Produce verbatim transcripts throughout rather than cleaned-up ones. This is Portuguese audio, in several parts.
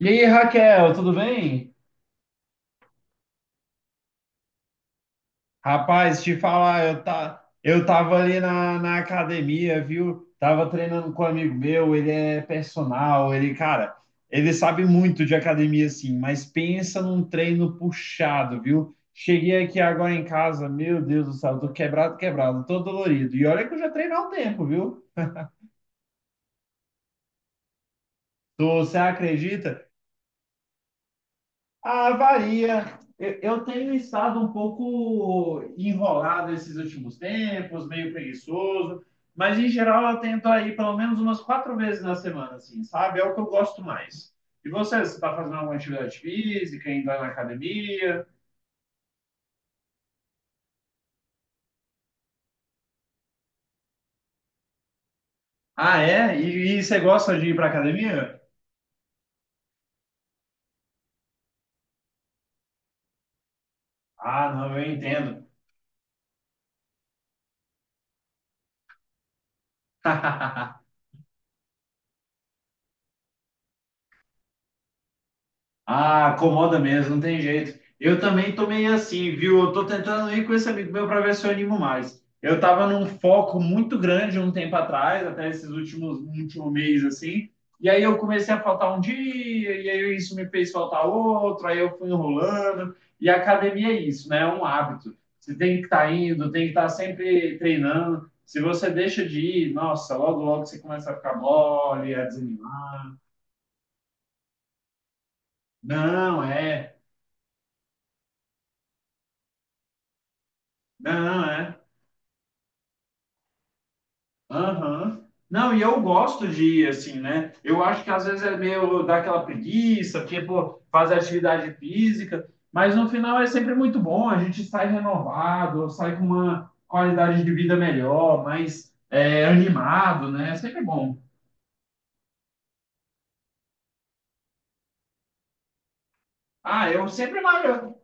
E aí, Raquel, tudo bem? Rapaz, te falar, eu, tá, eu tava ali na, na academia, viu? Tava treinando com um amigo meu, ele é personal, ele, cara, ele sabe muito de academia, assim, mas pensa num treino puxado, viu? Cheguei aqui agora em casa, meu Deus do céu, tô quebrado, quebrado, tô dolorido. E olha que eu já treino há um tempo, viu? Tu, você acredita? Ah, varia. Eu, eu tenho estado um pouco enrolado esses últimos tempos, meio preguiçoso, mas em geral eu tento aí pelo menos umas quatro vezes na semana, assim, sabe? É o que eu gosto mais. E você, você está fazendo alguma atividade física, indo lá na academia? Ah, é? E, e você gosta de ir para academia? Ah, não, eu entendo. Ah, acomoda mesmo, não tem jeito. Eu também tô meio assim, viu? Eu tô tentando ir com esse amigo meu para ver se eu animo mais. Eu tava num foco muito grande um tempo atrás, até esses últimos um último mês assim. E aí eu comecei a faltar um dia, e aí isso me fez faltar outro, aí eu fui enrolando. E a academia é isso, né? É um hábito. Você tem que estar indo, tem que estar sempre treinando. Se você deixa de ir, nossa, logo logo você começa a ficar mole, a desanimar. Não, é. Não, é. Aham. Não, e eu gosto de ir assim, né? Eu acho que às vezes é meio daquela preguiça, porque, pô, fazer atividade física, mas no final é sempre muito bom, a gente sai renovado, sai com uma qualidade de vida melhor, mais é, animado, né? É sempre bom. Ah, eu sempre malho.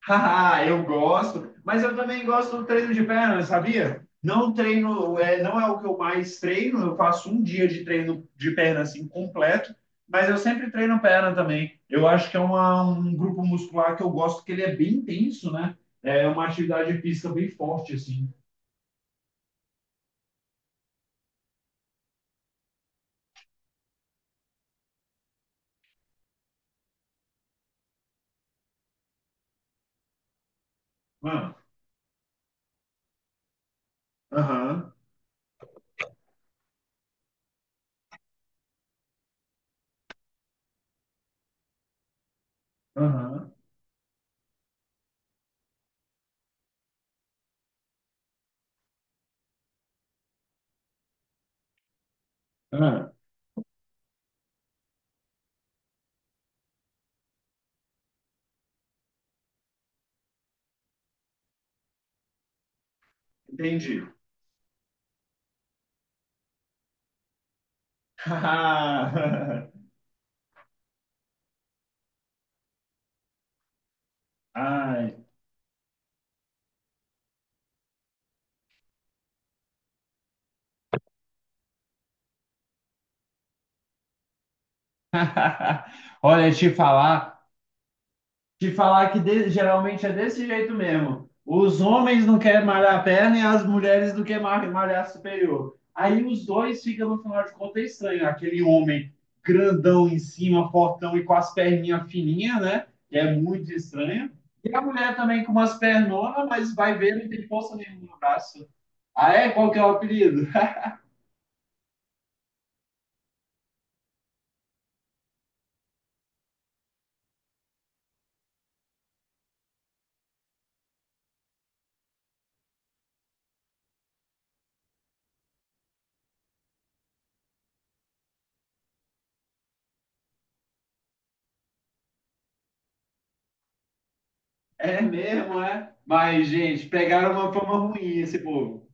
Haha, eu gosto, mas eu também gosto do treino de perna, sabia? Não treino, é, não é o que eu mais treino, eu faço um dia de treino de perna assim completo, mas eu sempre treino perna também. Eu acho que é uma- um grupo muscular que eu gosto, que ele é bem intenso, né? É uma atividade física bem forte, assim. Mano, aham, aham, aham. Entendi. Ai. Olha, te falar. De falar que de- Geralmente é desse jeito mesmo. Os homens não querem malhar a perna e as mulheres não querem ma- malhar a superior. Aí os dois ficam, no final de contas, estranho. Aquele homem grandão em cima, fortão e com as perninhas fininhas, né? Que é muito estranho. E a mulher também com umas pernonas, mas vai ver, não tem força nenhuma no braço. Ah, é? Qual que é o apelido? É mesmo, é? Mas, gente, pegaram uma fama ruim esse povo.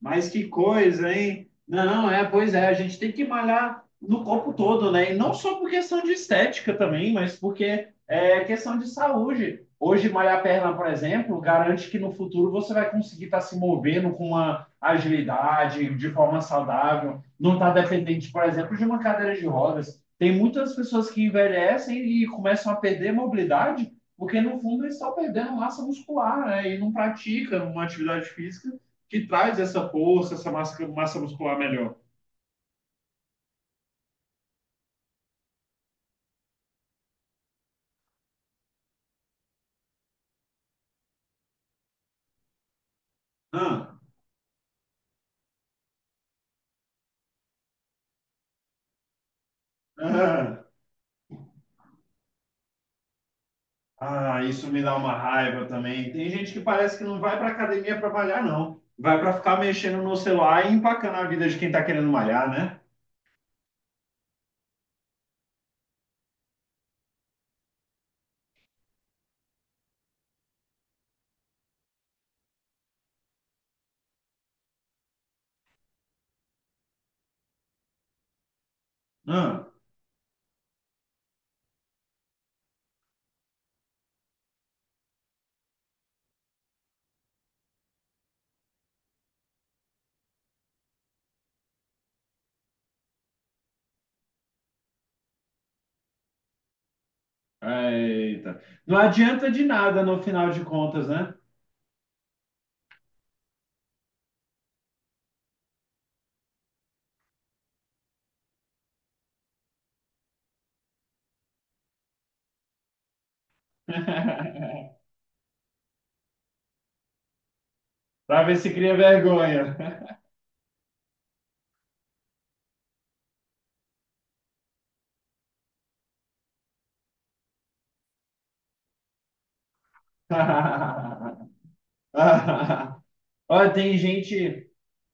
Mas que coisa, hein? Não, é, pois é, a gente tem que malhar no corpo todo, né? E não só por questão de estética também, mas porque é questão de saúde. Hoje, malhar a perna, por exemplo, garante que no futuro você vai conseguir estar se movendo com uma agilidade, de forma saudável, não está dependente, por exemplo, de uma cadeira de rodas. Tem muitas pessoas que envelhecem e começam a perder mobilidade, porque no fundo eles estão perdendo massa muscular, né? E não praticam uma atividade física que traz essa força, essa massa, massa muscular melhor. Ah, ah, ah, isso me dá uma raiva também. Tem gente que parece que não vai para academia para malhar, não. Vai para ficar mexendo no celular e empacando a vida de quem está querendo malhar, né? Ah, eita. Não adianta de nada no final de contas, né? Para ver se cria vergonha. Olha, tem gente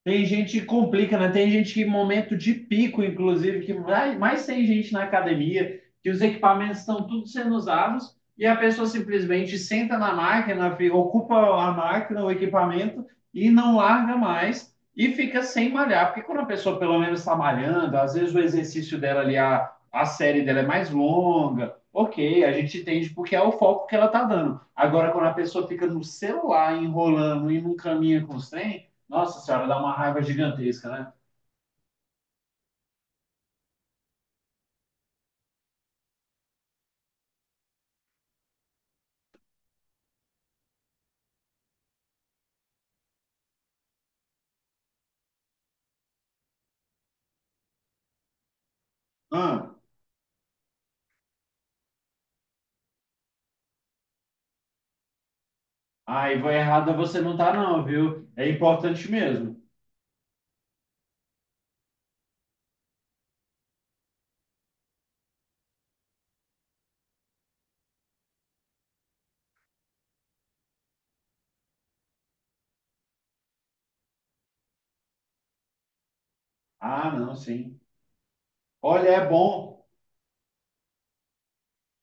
Tem gente que complica, né? Tem gente que, em momento de pico, inclusive, que vai- mais tem gente na academia, que os equipamentos estão tudo sendo usados, e a pessoa simplesmente senta na máquina, fi- ocupa a máquina, o equipamento, e não larga mais, e fica sem malhar. Porque quando a pessoa, pelo menos, está malhando, às vezes o exercício dela ali, a, a série dela é mais longa, ok, a gente entende porque é o foco que ela está dando. Agora, quando a pessoa fica no celular, enrolando e não caminha com os trem, nossa senhora, dá uma raiva gigantesca, né? Ah, aí vou errada você não tá, não, viu? É importante mesmo. Ah, não, sim. Olha, é bom.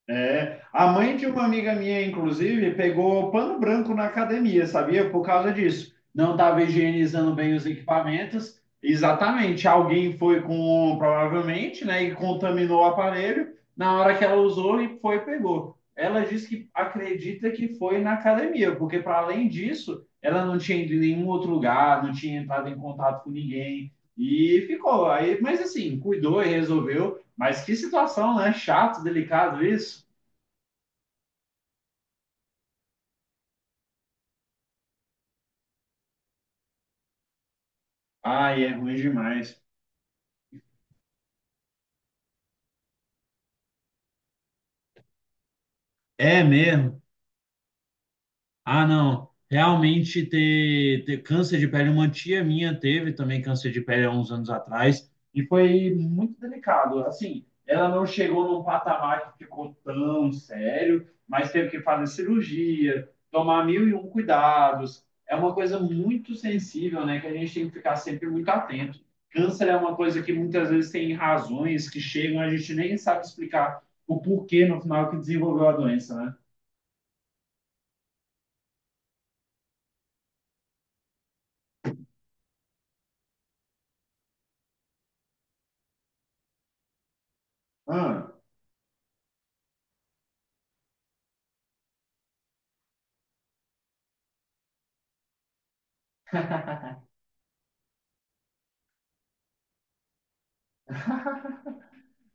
É, a mãe de uma amiga minha, inclusive, pegou pano branco na academia, sabia? Por causa disso. Não estava higienizando bem os equipamentos. Exatamente. Alguém foi com, provavelmente, né, e contaminou o aparelho. Na hora que ela usou, e foi e pegou. Ela disse que acredita que foi na academia, porque para além disso, ela não tinha ido em nenhum outro lugar, não tinha entrado em contato com ninguém e ficou. Aí, mas assim, cuidou e resolveu. Mas que situação, né? Chato, delicado isso. Ai, é ruim demais. É mesmo. Ah, não. Realmente ter, ter câncer de pele, uma tia minha teve também câncer de pele há uns anos atrás e foi muito delicado. Assim, ela não chegou num patamar que ficou tão sério, mas teve que fazer cirurgia, tomar mil e um cuidados. É uma coisa muito sensível, né, que a gente tem que ficar sempre muito atento. Câncer é uma coisa que muitas vezes tem razões que chegam, a gente nem sabe explicar o porquê no final que desenvolveu a doença, né? Ah.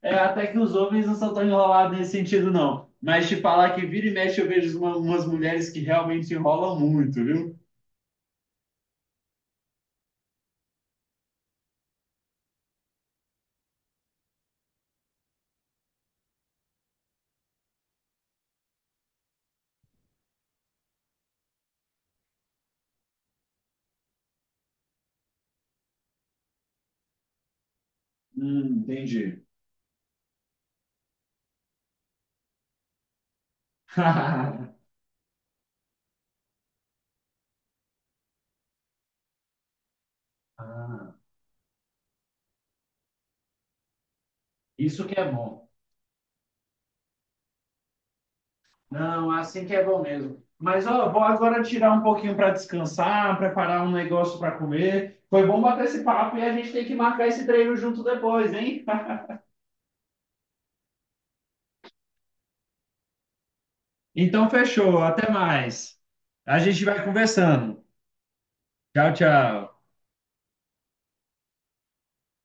É, até que os homens não são tão enrolados nesse sentido, não. Mas te falar que vira e mexe eu vejo uma- umas mulheres que realmente enrolam muito, viu? Hum, entendi. Ah, isso que é bom. Não, assim que é bom mesmo. Mas ó, vou agora tirar um pouquinho para descansar, preparar um negócio para comer. Foi bom bater esse papo e a gente tem que marcar esse treino junto depois, hein? Então fechou, até mais. A gente vai conversando. Tchau, tchau.